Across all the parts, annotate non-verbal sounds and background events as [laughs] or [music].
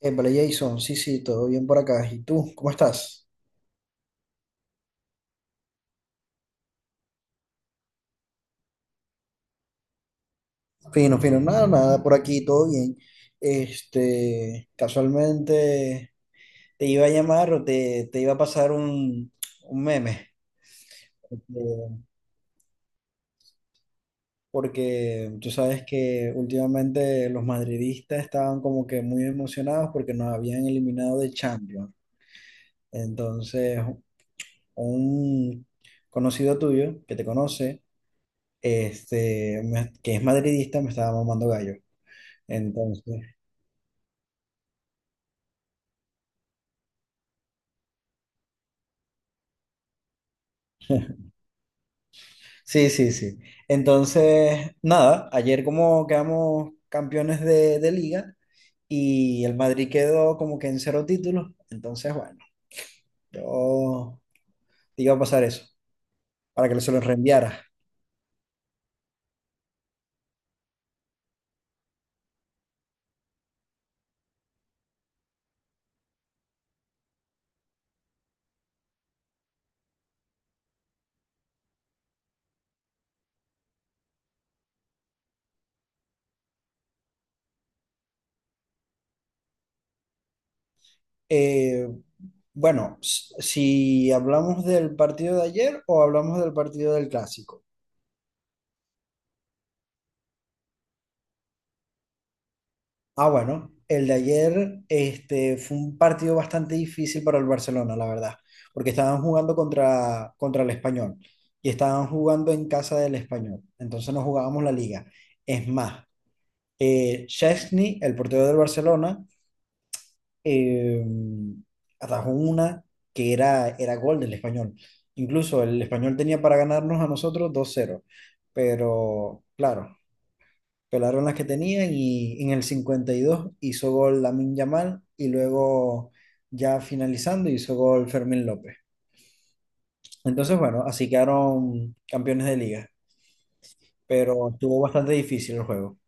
Épale, Jason, sí, sí, todo bien por acá. ¿Y tú, cómo estás? Fino, fino, nada, nada, por aquí, todo bien. Casualmente te iba a llamar o te iba a pasar un meme, este, porque tú sabes que últimamente los madridistas estaban como que muy emocionados porque nos habían eliminado de Champions. Entonces, un conocido tuyo que te conoce, que es madridista, me estaba mamando gallo. Entonces, [laughs] sí, sí, sí. Entonces, nada, ayer como quedamos campeones de liga, y el Madrid quedó como que en cero títulos. Entonces, bueno, yo te iba a pasar eso para que se lo reenviara. Eh, bueno, si hablamos del partido de ayer o hablamos del partido del clásico. Ah, bueno, el de ayer fue un partido bastante difícil para el Barcelona, la verdad, porque estaban jugando contra el Español, y estaban jugando en casa del Español. Entonces no jugábamos la liga. Es más, Szczęsny, el portero del Barcelona, eh, atajó una que era gol del Español. Incluso el Español tenía para ganarnos a nosotros 2-0, pero claro, pelaron las que tenían, y en el 52 hizo gol Lamin Yamal, y luego ya finalizando hizo gol Fermín López. Entonces, bueno, así quedaron campeones de liga, pero estuvo bastante difícil el juego.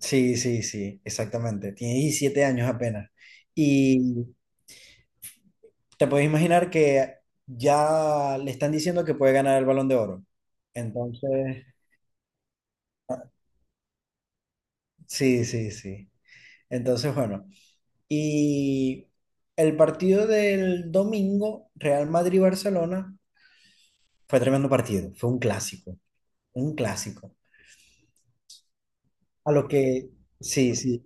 Sí, sí, sí, exactamente. Tiene 17 años apenas. Y te puedes imaginar que ya le están diciendo que puede ganar el Balón de Oro. Entonces, ah, sí, sí, sí. Entonces, bueno. Y el partido del domingo, Real Madrid-Barcelona, fue tremendo partido, fue un clásico, un clásico. A lo que, sí, sí,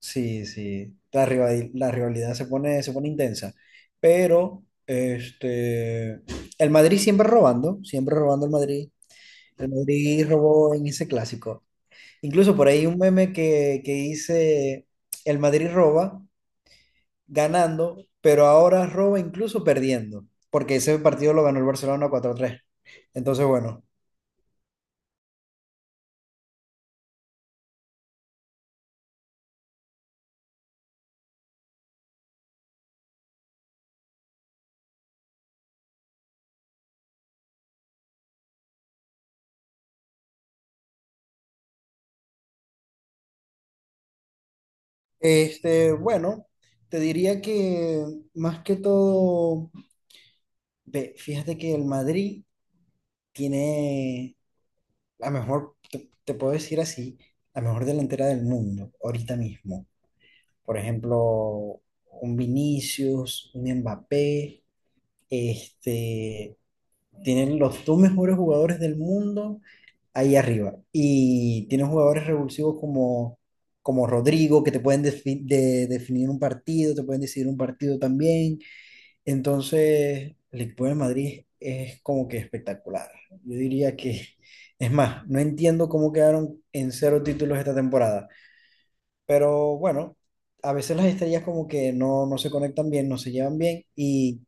sí, sí, la rivalidad se pone intensa, pero el Madrid siempre robando el Madrid. El Madrid robó en ese clásico. Incluso por ahí un meme que dice, el Madrid roba ganando, pero ahora roba incluso perdiendo, porque ese partido lo ganó el Barcelona 4-3. Entonces, bueno, bueno, te diría que más que todo, ve, fíjate que el Madrid tiene la mejor, te puedo decir así, la mejor delantera del mundo ahorita mismo. Por ejemplo, un Vinicius, un Mbappé, este, Tienen los dos mejores jugadores del mundo ahí arriba. Y tienen jugadores revulsivos como Rodrigo, que te pueden definir un partido, te pueden decidir un partido también. Entonces, el equipo de Madrid es como que espectacular. Yo diría que, es más, no entiendo cómo quedaron en cero títulos esta temporada. Pero bueno, a veces las estrellas como que no se conectan bien, no se llevan bien. Y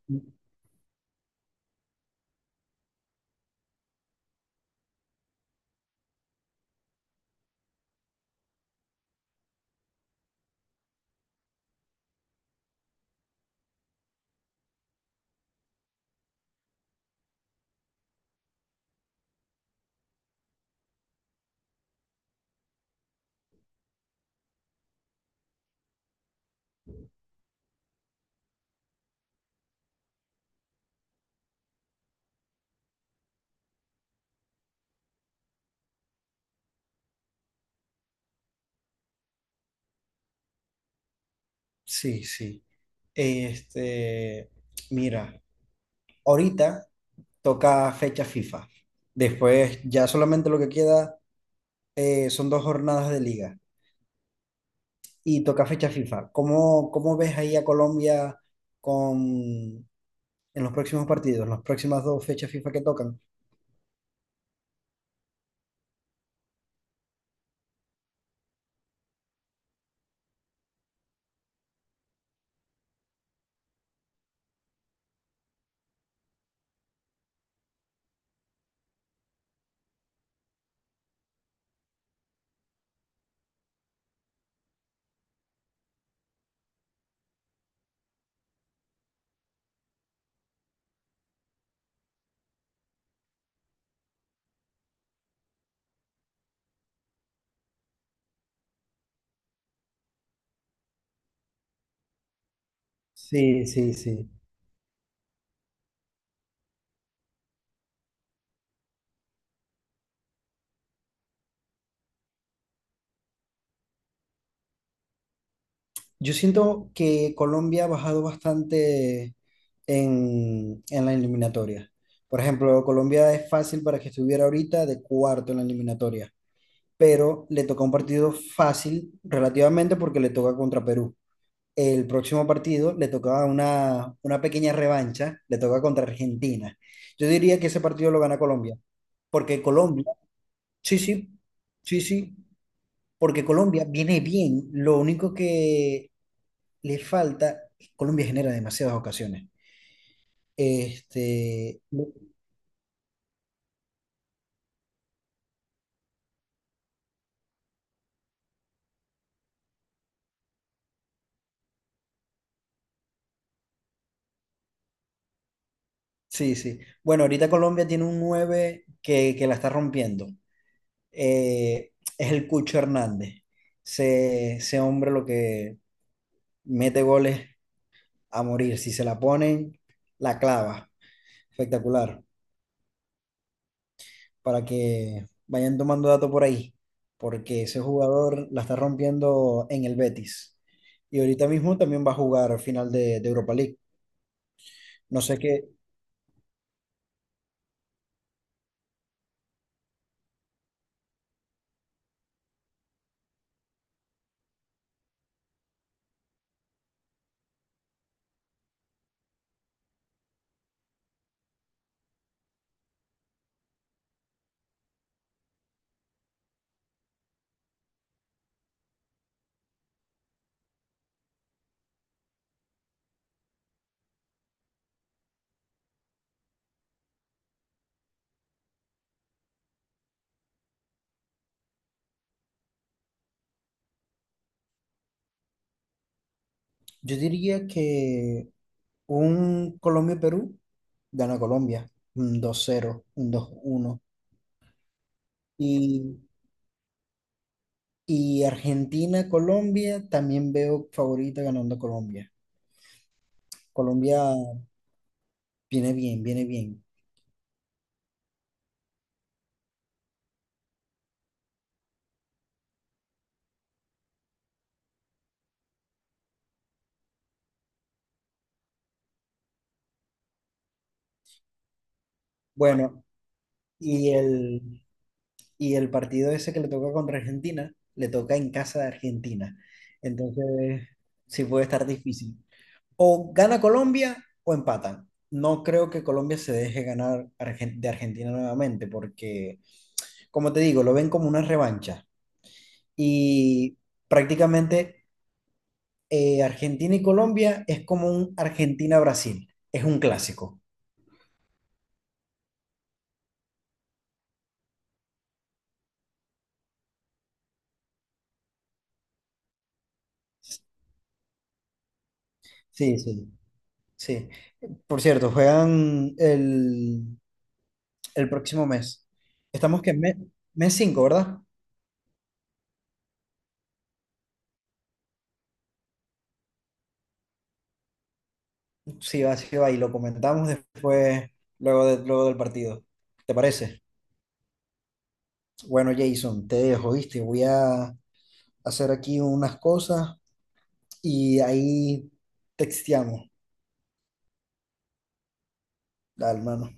sí, sí. Este, mira. Ahorita toca fecha FIFA. Después ya solamente lo que queda son dos jornadas de liga y toca fecha FIFA. ¿Cómo ves ahí a Colombia con, en los próximos partidos, en las próximas dos fechas FIFA que tocan? Sí, sí, sí. Yo siento que Colombia ha bajado bastante en la eliminatoria. Por ejemplo, Colombia es fácil para que estuviera ahorita de cuarto en la eliminatoria, pero le toca un partido fácil relativamente porque le toca contra Perú. El próximo partido le toca una pequeña revancha, le toca contra Argentina. Yo diría que ese partido lo gana Colombia, porque Colombia, sí, sí, sí, sí, porque Colombia viene bien. Lo único que le falta, Colombia genera demasiadas ocasiones. Este, sí, sí. Bueno, ahorita Colombia tiene un 9 que la está rompiendo. eh, es el Cucho Hernández. Ese hombre lo que mete goles a morir. Si se la ponen, la clava. Espectacular. Para que vayan tomando datos por ahí. Porque ese jugador la está rompiendo en el Betis. Y ahorita mismo también va a jugar final de Europa League. No sé qué. Yo diría que un Colombia-Perú gana Colombia. Un 2-0, un 2-1. Y Y Argentina, Colombia, también veo favorita ganando Colombia. Colombia viene bien, viene bien. Bueno, y el, y el partido ese que le toca contra Argentina, le toca en casa de Argentina. Entonces, sí puede estar difícil. O gana Colombia o empatan. No creo que Colombia se deje ganar de Argentina nuevamente, porque, como te digo, lo ven como una revancha. Y prácticamente Argentina y Colombia es como un Argentina-Brasil. Es un clásico. Sí, sí, sí. Por cierto, juegan el próximo mes. Estamos que en mes 5, ¿verdad? Sí, va, sí, va. Y lo comentamos después, luego, luego del partido. ¿Te parece? Bueno, Jason, te dejo, ¿viste? Voy a hacer aquí unas cosas y ahí texteamos. Dale, hermano.